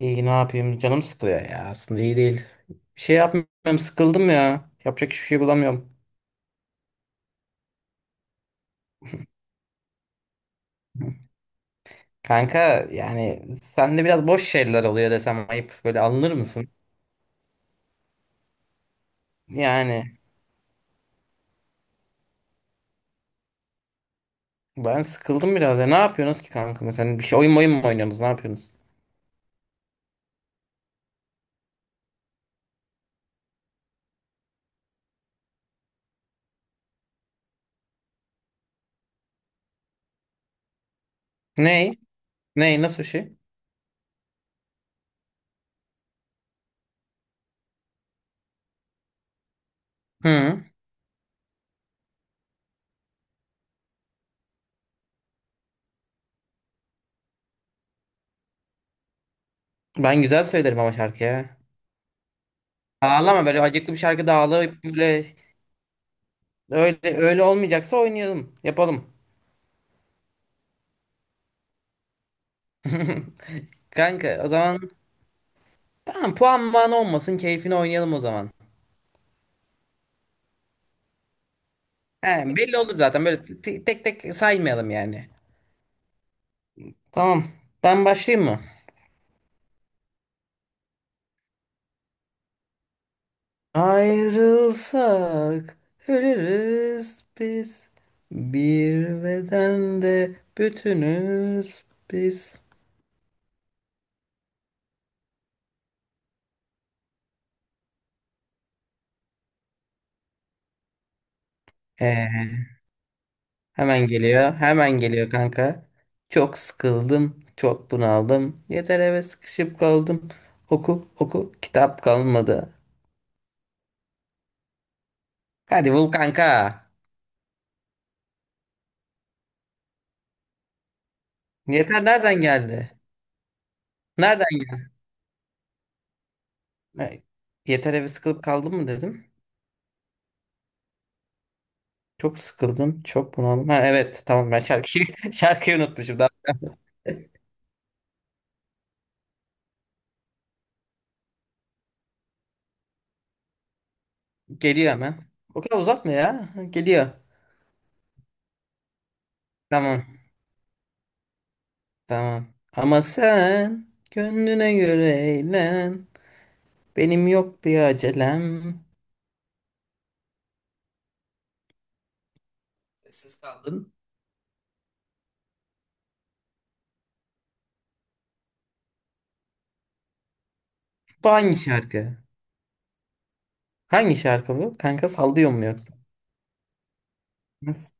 İyi ne yapayım canım sıkılıyor ya aslında iyi değil. Bir şey yapmıyorum sıkıldım ya. Yapacak hiçbir şey bulamıyorum. Kanka yani sende biraz boş şeyler oluyor desem ayıp böyle alınır mısın? Yani ben sıkıldım biraz ya. Ne yapıyorsunuz ki kanka mesela bir şey oyun mu oynuyorsunuz ne yapıyorsunuz? Ney? Ney nasıl bir şey? Hı. Ben güzel söylerim ama şarkıya. Ağlama böyle acıklı bir şarkı da ağlayıp böyle öyle öyle olmayacaksa oynayalım yapalım. Kanka o zaman tamam puan man olmasın keyfini oynayalım o zaman. Yani belli olur zaten böyle tek tek saymayalım yani. Tamam ben başlayayım mı? Ayrılsak ölürüz biz. Bir bedende bütünüz biz. Ee, hemen geliyor hemen geliyor kanka. Çok sıkıldım çok bunaldım. Yeter eve sıkışıp kaldım. Oku oku kitap kalmadı. Hadi bul kanka. Yeter nereden geldi? Nereden girdin? Yeter eve sıkılıp kaldım mı dedim. Çok sıkıldım. Çok bunaldım. Ha evet tamam ben şarkıyı, şarkıyı unutmuşum. Daha geliyor hemen. O kadar uzatma ya. Geliyor. Tamam. Tamam. Ama sen gönlüne göre eğlen. Benim yok bir acelem. Sessiz kaldım. Bu hangi şarkı? Hangi şarkı bu? Kanka sallıyor mu yoksa? Nasıl?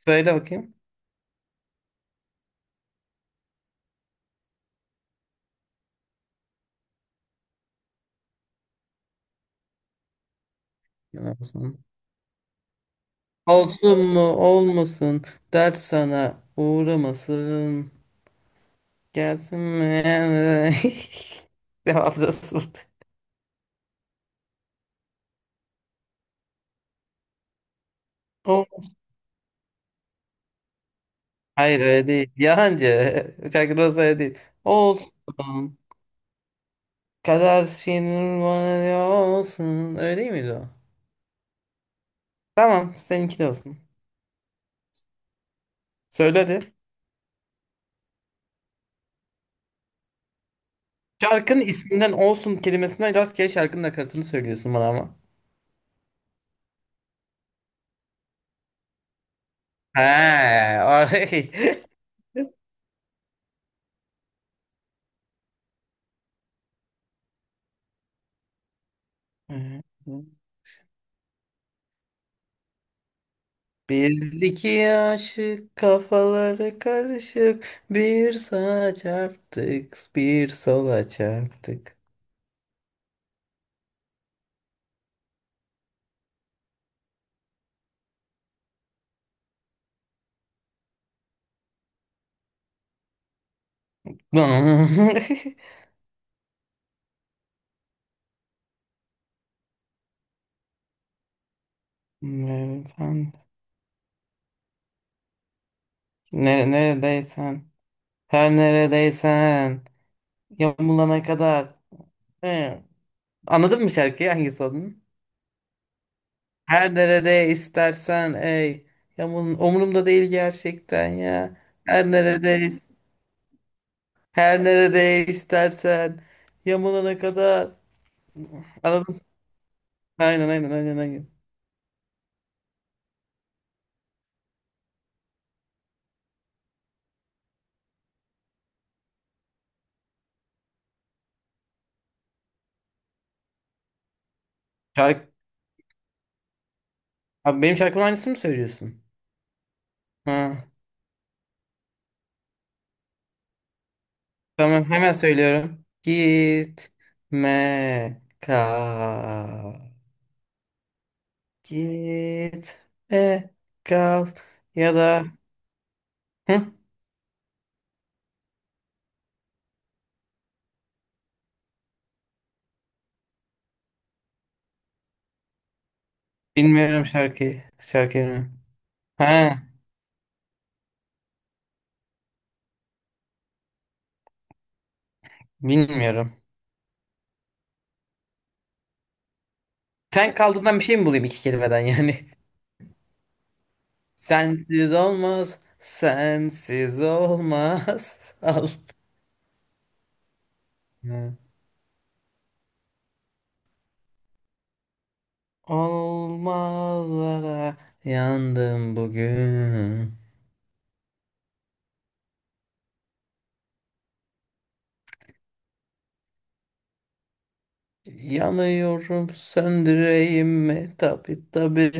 Söyle bakayım. Olsun. Olsun mu olmasın dert sana uğramasın. Gelsin mi? Cevap nasıldı? O hayır öyle değil. Yalancı. Şarkı nasıl öyle değil. Olsun. Kader şiirin bana diyor olsun. Öyle değil miydi o? Tamam seninki de olsun. Söyle hadi. Şarkının isminden olsun kelimesinden rastgele şarkının nakaratını söylüyorsun bana ama. He, orayı. Bizdeki aşık kafaları karışık bir sağa çarptık bir sola çarptık. Nereden- Nere neredeysen her neredeysen yamulana kadar. He. Anladın mı şarkıyı hangisi olduğunu? Her nerede istersen ey yamulun umurumda değil gerçekten ya. Her nerede her nerede istersen yamulana kadar. Anladın aynen aynen aynen aynen. Şarkı... Abi benim şarkımın aynısını mı söylüyorsun? Ha, tamam hemen söylüyorum. Gitme kal. Gitme kal. Ya da Hı? Bilmiyorum şarkıyı. Şarkıyı mı? Ha, bilmiyorum. Sen kaldığından bir şey mi bulayım iki kelimeden yani? Sensiz olmaz. Sensiz olmaz. Al. Ha. Olmazlara yandım bugün. Yanıyorum söndüreyim mi? Tabi tabi.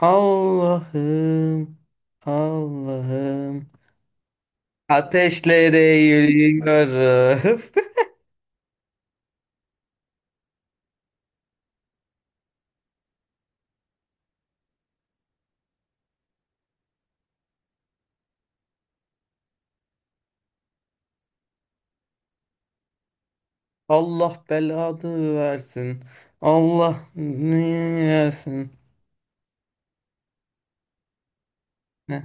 Allah'ım, Allah'ım. Ateşlere yürüyorum. Allah belanı versin. Allah ne versin. Heh.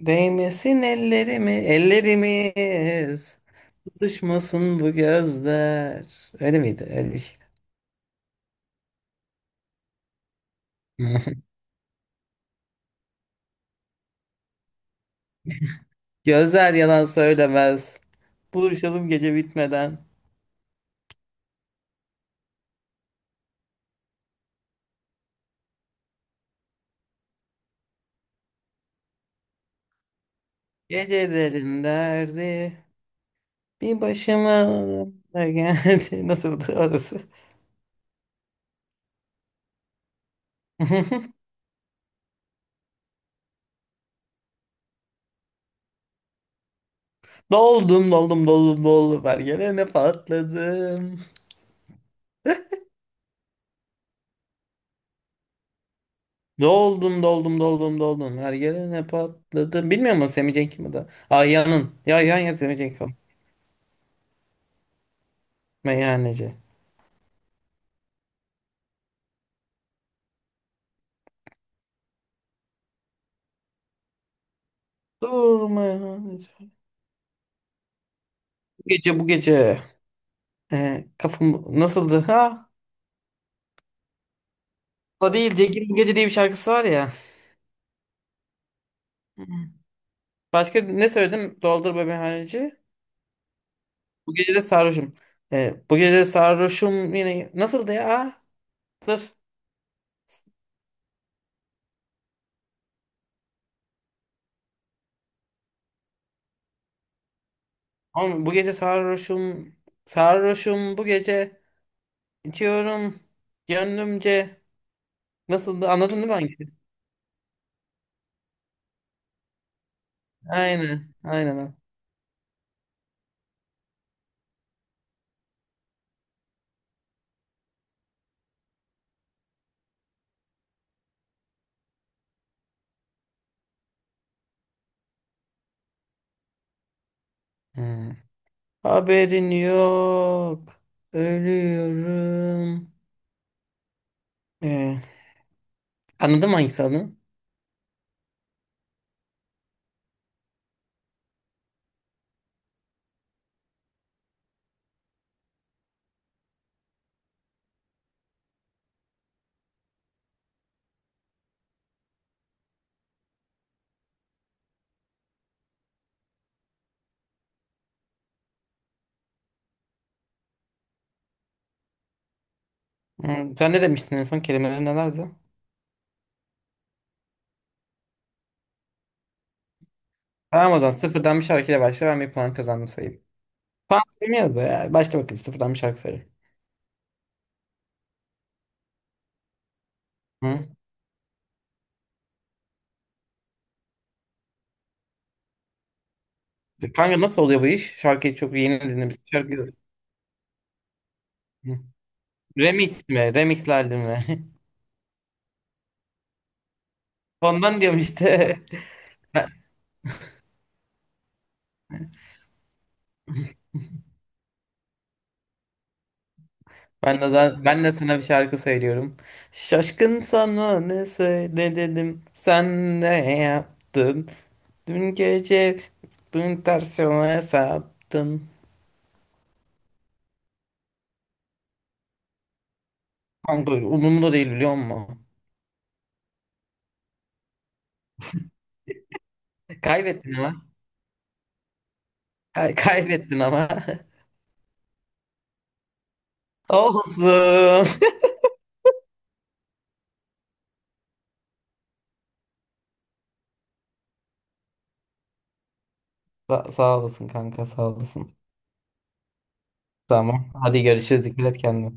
Değmesin ellerimi, ellerimiz. Tutuşmasın bu gözler. Öyle miydi? Öyle bir şey. Gözler yalan söylemez. Buluşalım gece bitmeden. Gecelerin derdi. Bir başıma da geldi. Nasıldı orası? Doldum doldum doldum doldum her gelene patladım. Doldum doldum doldum doldum her gelene patladım. Bilmiyor musun Semih Cenk'i mi da? Ayyan'ın. Ya Ayyan ya Semih Cenk meyhaneci. Dur meyhaneci. Bu gece bu gece. Kafam nasıldı ha? O değil Cegin bu gece diye bir şarkısı var ya. Hı. Başka ne söyledim? Doldur be meyhaneci. Bu gece de sarhoşum. Bu gece de sarhoşum yine nasıldı ya? Dur. Oğlum, bu gece sarhoşum. Sarhoşum bu gece. İçiyorum. Gönlümce. Nasıldı? Anladın değil mi hangi? Aynen. Aynen. Hı. Haberin yok. Ölüyorum. Ee, anladın mı hangisi adını? Sen ne demiştin en son kelimeleri nelerdi? Tamam o zaman sıfırdan bir şarkıyla başla ben bir puan kazandım sayayım. Puan sayayım da ya. Başla bakayım sıfırdan bir şarkı sayayım. Hı? Kanka nasıl oluyor bu iş? Şarkıyı çok yeni dinlemiştim. Şarkı... Hı. Remix mi? Remixlerdi mi? Ondan diyorum işte. Ben de sana bir şarkı söylüyorum. Şaşkın sana ne söyle dedim. Sen ne yaptın? Dün gece dün tersime saptın. Kanka umurumda değil biliyor musun? Kaybettin ama. Kaybettin ama. Olsun. Sağ olasın kanka sağ olasın. Tamam. Hadi görüşürüz. Dikkat et kendine.